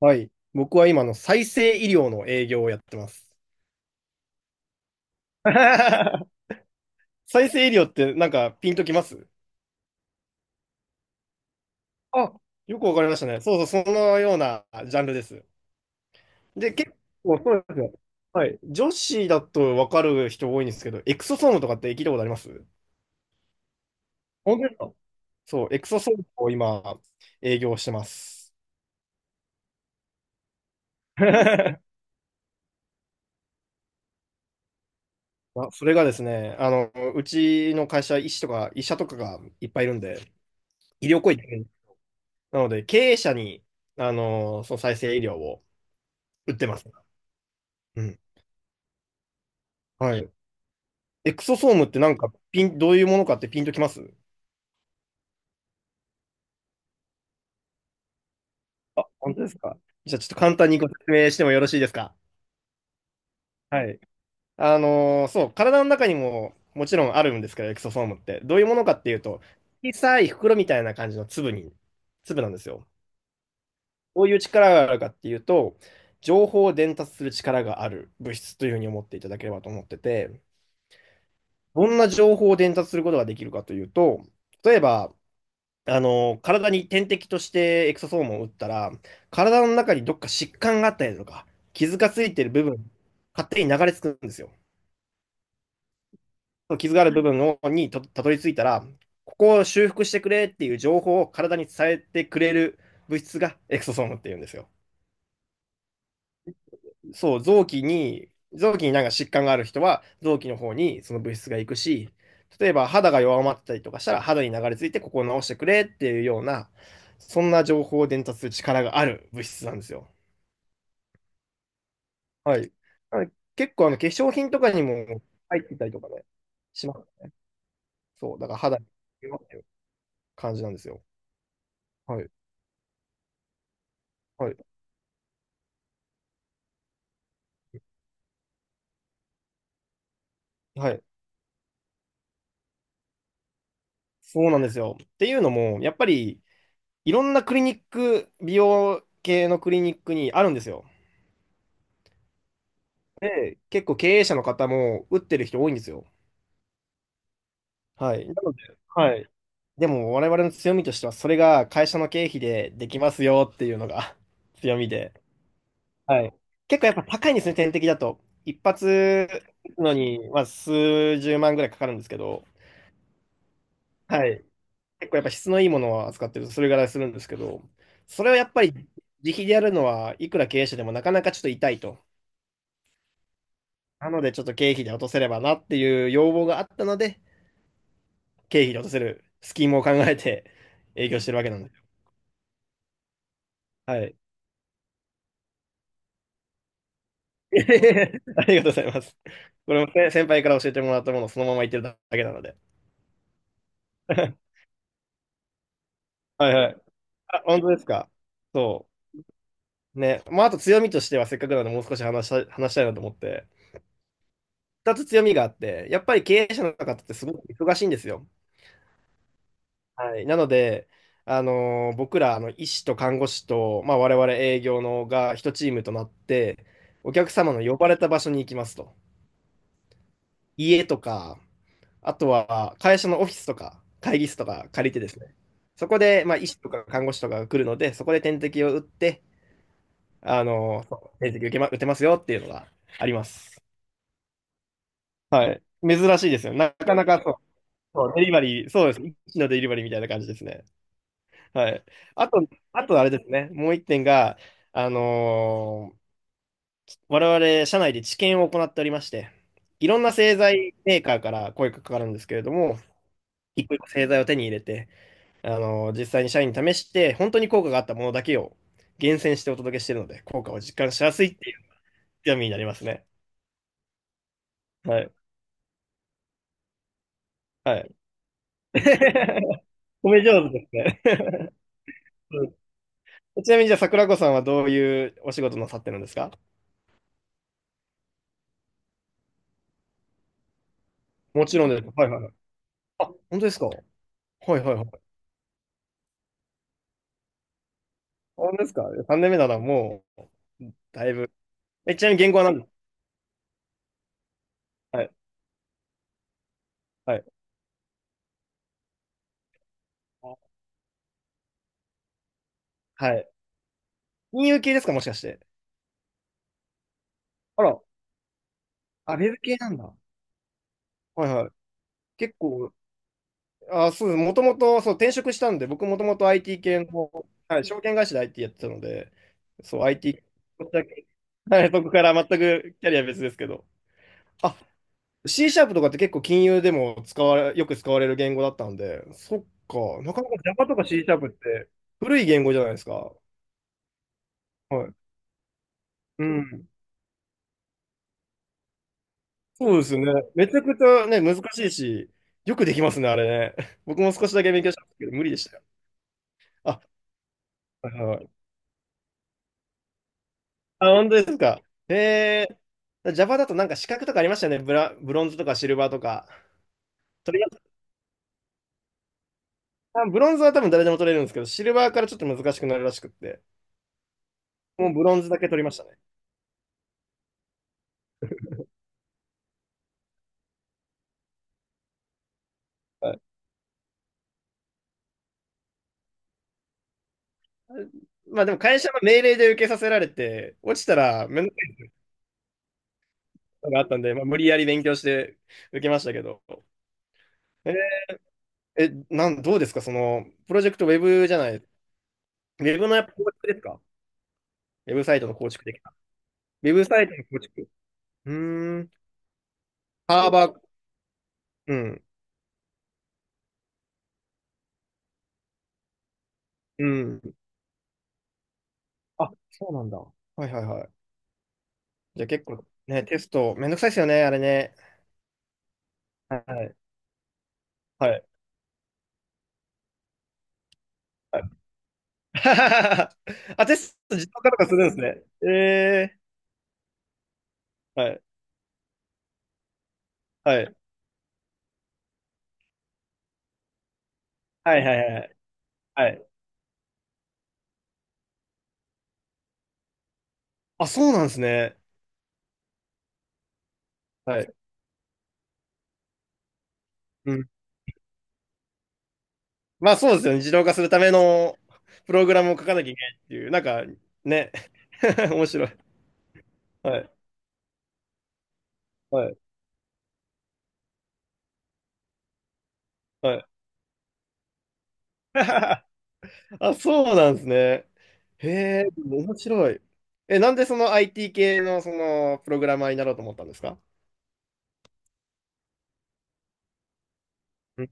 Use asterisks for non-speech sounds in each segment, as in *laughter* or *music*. はい。僕は今の再生医療の営業をやってます。*laughs* 再生医療ってなんかピンときます？あ、よくわかりましたね。そうそう、そのようなジャンルです。で、結構そうなんですよ。はい。女子だとわかる人多いんですけど、エクソソームとかって聞いたことあります？本当ですか？そう、エクソソームを今営業してます。*laughs* あ、それがですね、あの、うちの会社、医師とか医者とかがいっぱいいるんで、医療行為なので、経営者に、その再生医療を売ってます。うん。はい。エクソソームってなんか、どういうものかってピンときます？あ、本当ですか。じゃあちょっと簡単にご説明してもよろしいですか。はい。そう、体の中にももちろんあるんですけど、エクソソームって。どういうものかっていうと、小さい袋みたいな感じの粒に、粒なんですよ。どういう力があるかっていうと、情報を伝達する力がある物質というふうに思っていただければと思ってて、どんな情報を伝達することができるかというと、例えば、あの、体に点滴としてエクソソームを打ったら、体の中にどっか疾患があったりとか、傷がついている部分、勝手に流れ着くんですよ。その傷がある部分にとたどり着いたら、ここを修復してくれっていう情報を体に伝えてくれる物質がエクソソームっていうんですよ。そう、臓器になんか疾患がある人は、臓器の方にその物質が行くし、例えば肌が弱まってたりとかしたら、肌に流れ着いてここを直してくれっていうような、そんな情報を伝達する力がある物質なんですよ。はい。なので結構あの化粧品とかにも入ってたりとかね、しますね。そう、だから肌に弱いっていう感じなんですよ。はい。はい。はい。そうなんですよ。っていうのも、やっぱりいろんなクリニック、美容系のクリニックにあるんですよ。で、結構経営者の方も打ってる人多いんですよ。はい。なので、はい。でも我々の強みとしては、それが会社の経費でできますよっていうのが *laughs* 強みで。はい。結構やっぱ高いんですね、点滴だと。一発打つのに、まあ、数十万ぐらいかかるんですけど、はい。結構やっぱ質のいいものを扱ってると、それぐらいするんですけど、それをやっぱり自費でやるのは、いくら経営者でもなかなかちょっと痛いと。なので、ちょっと経費で落とせればなっていう要望があったので、経費に落とせるスキームを考えて営業してるわけなんですよ。はい。*laughs* ありがとうございます。これもね先輩から教えてもらったものをそのまま言ってるだけなので。*laughs* はいはい。あ、本当ですか。そう。ね。まあ、あと強みとしてはせっかくなのでもう少し話したいなと思って。二つ強みがあって、やっぱり経営者の方ってすごく忙しいんですよ。はい。なので、僕ら、あの、医師と看護師と、まあ、我々営業のが一チームとなって、お客様の呼ばれた場所に行きますと。家とか、あとは会社のオフィスとか会議室とか借りてですね、そこでまあ医師とか看護師とかが来るので、そこで点滴を打って、あの、そう点滴受けま、打てますよっていうのがあります。はい。珍しいですよね。なかなかそう、そうデリバリー、そうです。一師のデリバリーみたいな感じですね。はい。あと、あとあれですね、もう一点が、あのー我々社内で治験を行っておりまして、いろんな製剤メーカーから声がかかるんですけれども、一個一個製剤を手に入れて、あの、実際に社員に試して、本当に効果があったものだけを厳選してお届けしているので、効果を実感しやすいっていう強みになりますね。はい。はい。*laughs* 褒め上手ですね。うん、ちなみにじゃあ桜子さんはどういうお仕事なさってるんですか？もちろんです。はいはいはい。あ、本当ですか？はいはいはい。本当ですか？ 3 年目ならもう、だいぶ。え、ちなみに言語は何ですか？はいはい。はい。金融系ですか、もしかして。あら、あ、ウェブ系なんだ。はいはい。結構、あ、そうです。もともと、そう、転職したんで、僕もともと IT 系の、はい、証券会社で IT やってたので、そう、IT、こっちだけ、はい、そこから全くキャリア別ですけど。あ、C シャープとかって結構金融でも使われ、よく使われる言語だったんで、そっか、なかなか Java とか C シャープって古い言語じゃないですか。はい。うん。そうですね。めちゃくちゃね、難しいし、よくできますね、あれね。*laughs* 僕も少しだけ勉強したんですけど、無理でしたよ。あ、はいはいはい。あ、本当ですか。へえー、ジャパだとなんか資格とかありましたよね。ブロンズとかシルバーとか。取りました？あ、ブロンズは多分誰でも取れるんですけど、シルバーからちょっと難しくなるらしくって、もうブロンズだけ取りましたね。はい、まあでも会社の命令で受けさせられて、落ちたら面倒なのがあったんで、まあ、無理やり勉強して受けましたけど。ええ、どうですかその、プロジェクトウェブじゃない、ウェブのやっぱ構築ですか？ウェブサイトの構築的な。ウェブサイトの構築。うーん、ハーバー、うん、うん。あ、そうなんだ。はいはいはい。じゃあ結構ね、テストめんどくさいですよね、あれね。はい。はい。はい。 *laughs* あ、テスト自動化とかするんですね。えー、はい。はい。はいはいはい。はい。あ、そうなんですね。はい。うん。まあそうですよね。自動化するためのプログラムを書かなきゃいけないっていう、なんかね、*laughs* 面白い。はい。はい。はい。*laughs* あ、そうなんですね。へえ、面白い。え、なんでその IT 系のそのプログラマーになろうと思ったんですか？うん。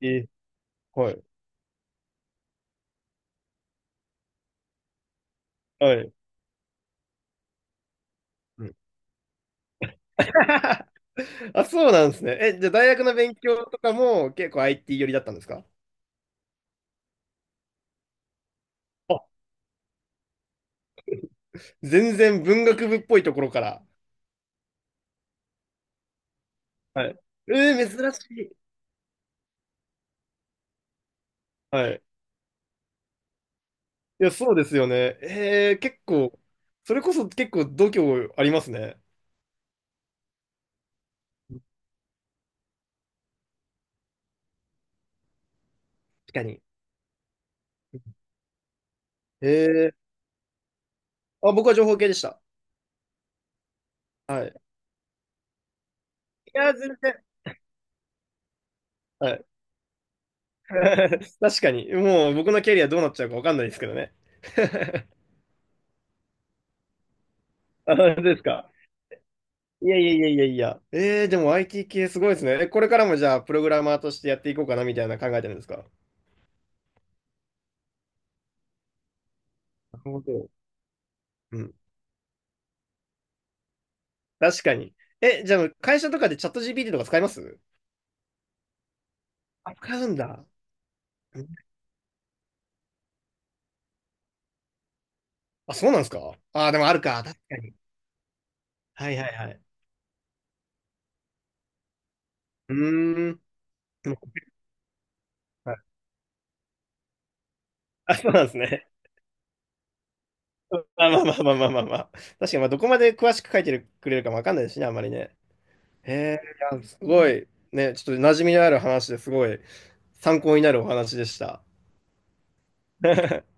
え、はい。はい。うん。 *laughs* あ、そうなんですね。え、じゃあ大学の勉強とかも結構 IT 寄りだったんですか？あ、全然文学部っぽいところから。はい。えー、珍しい。はい。いや、そうですよね。えー、結構、それこそ結構度胸ありますね。確かに。えー、あ、僕は情報系でした。はい。いや、全然。はい。 *laughs* 確かに。もう僕のキャリアどうなっちゃうかわかんないですけどね。*laughs* あ、そですか。いやいやいやいやいや。えー、でも IT 系すごいですね。え、これからもじゃあ、プログラマーとしてやっていこうかなみたいな考えてるんですか？なるほど。うん。確かに。え、じゃあ、会社とかでチャット GPT とか使います？あ、使うんだ。うん。あ、そうなんですか？あー、でもあるか。確かに。はいはいはい。うーん。でも、はい。あ、そうなんですね。*laughs* まあまあまあまあまあまあまあ。確かに、まあ、どこまで詳しく書いてくれるかもわかんないですしね、あんまりね。へえ、いや、すごい、ね、ちょっと馴染みのある話ですごい参考になるお話でした。*laughs*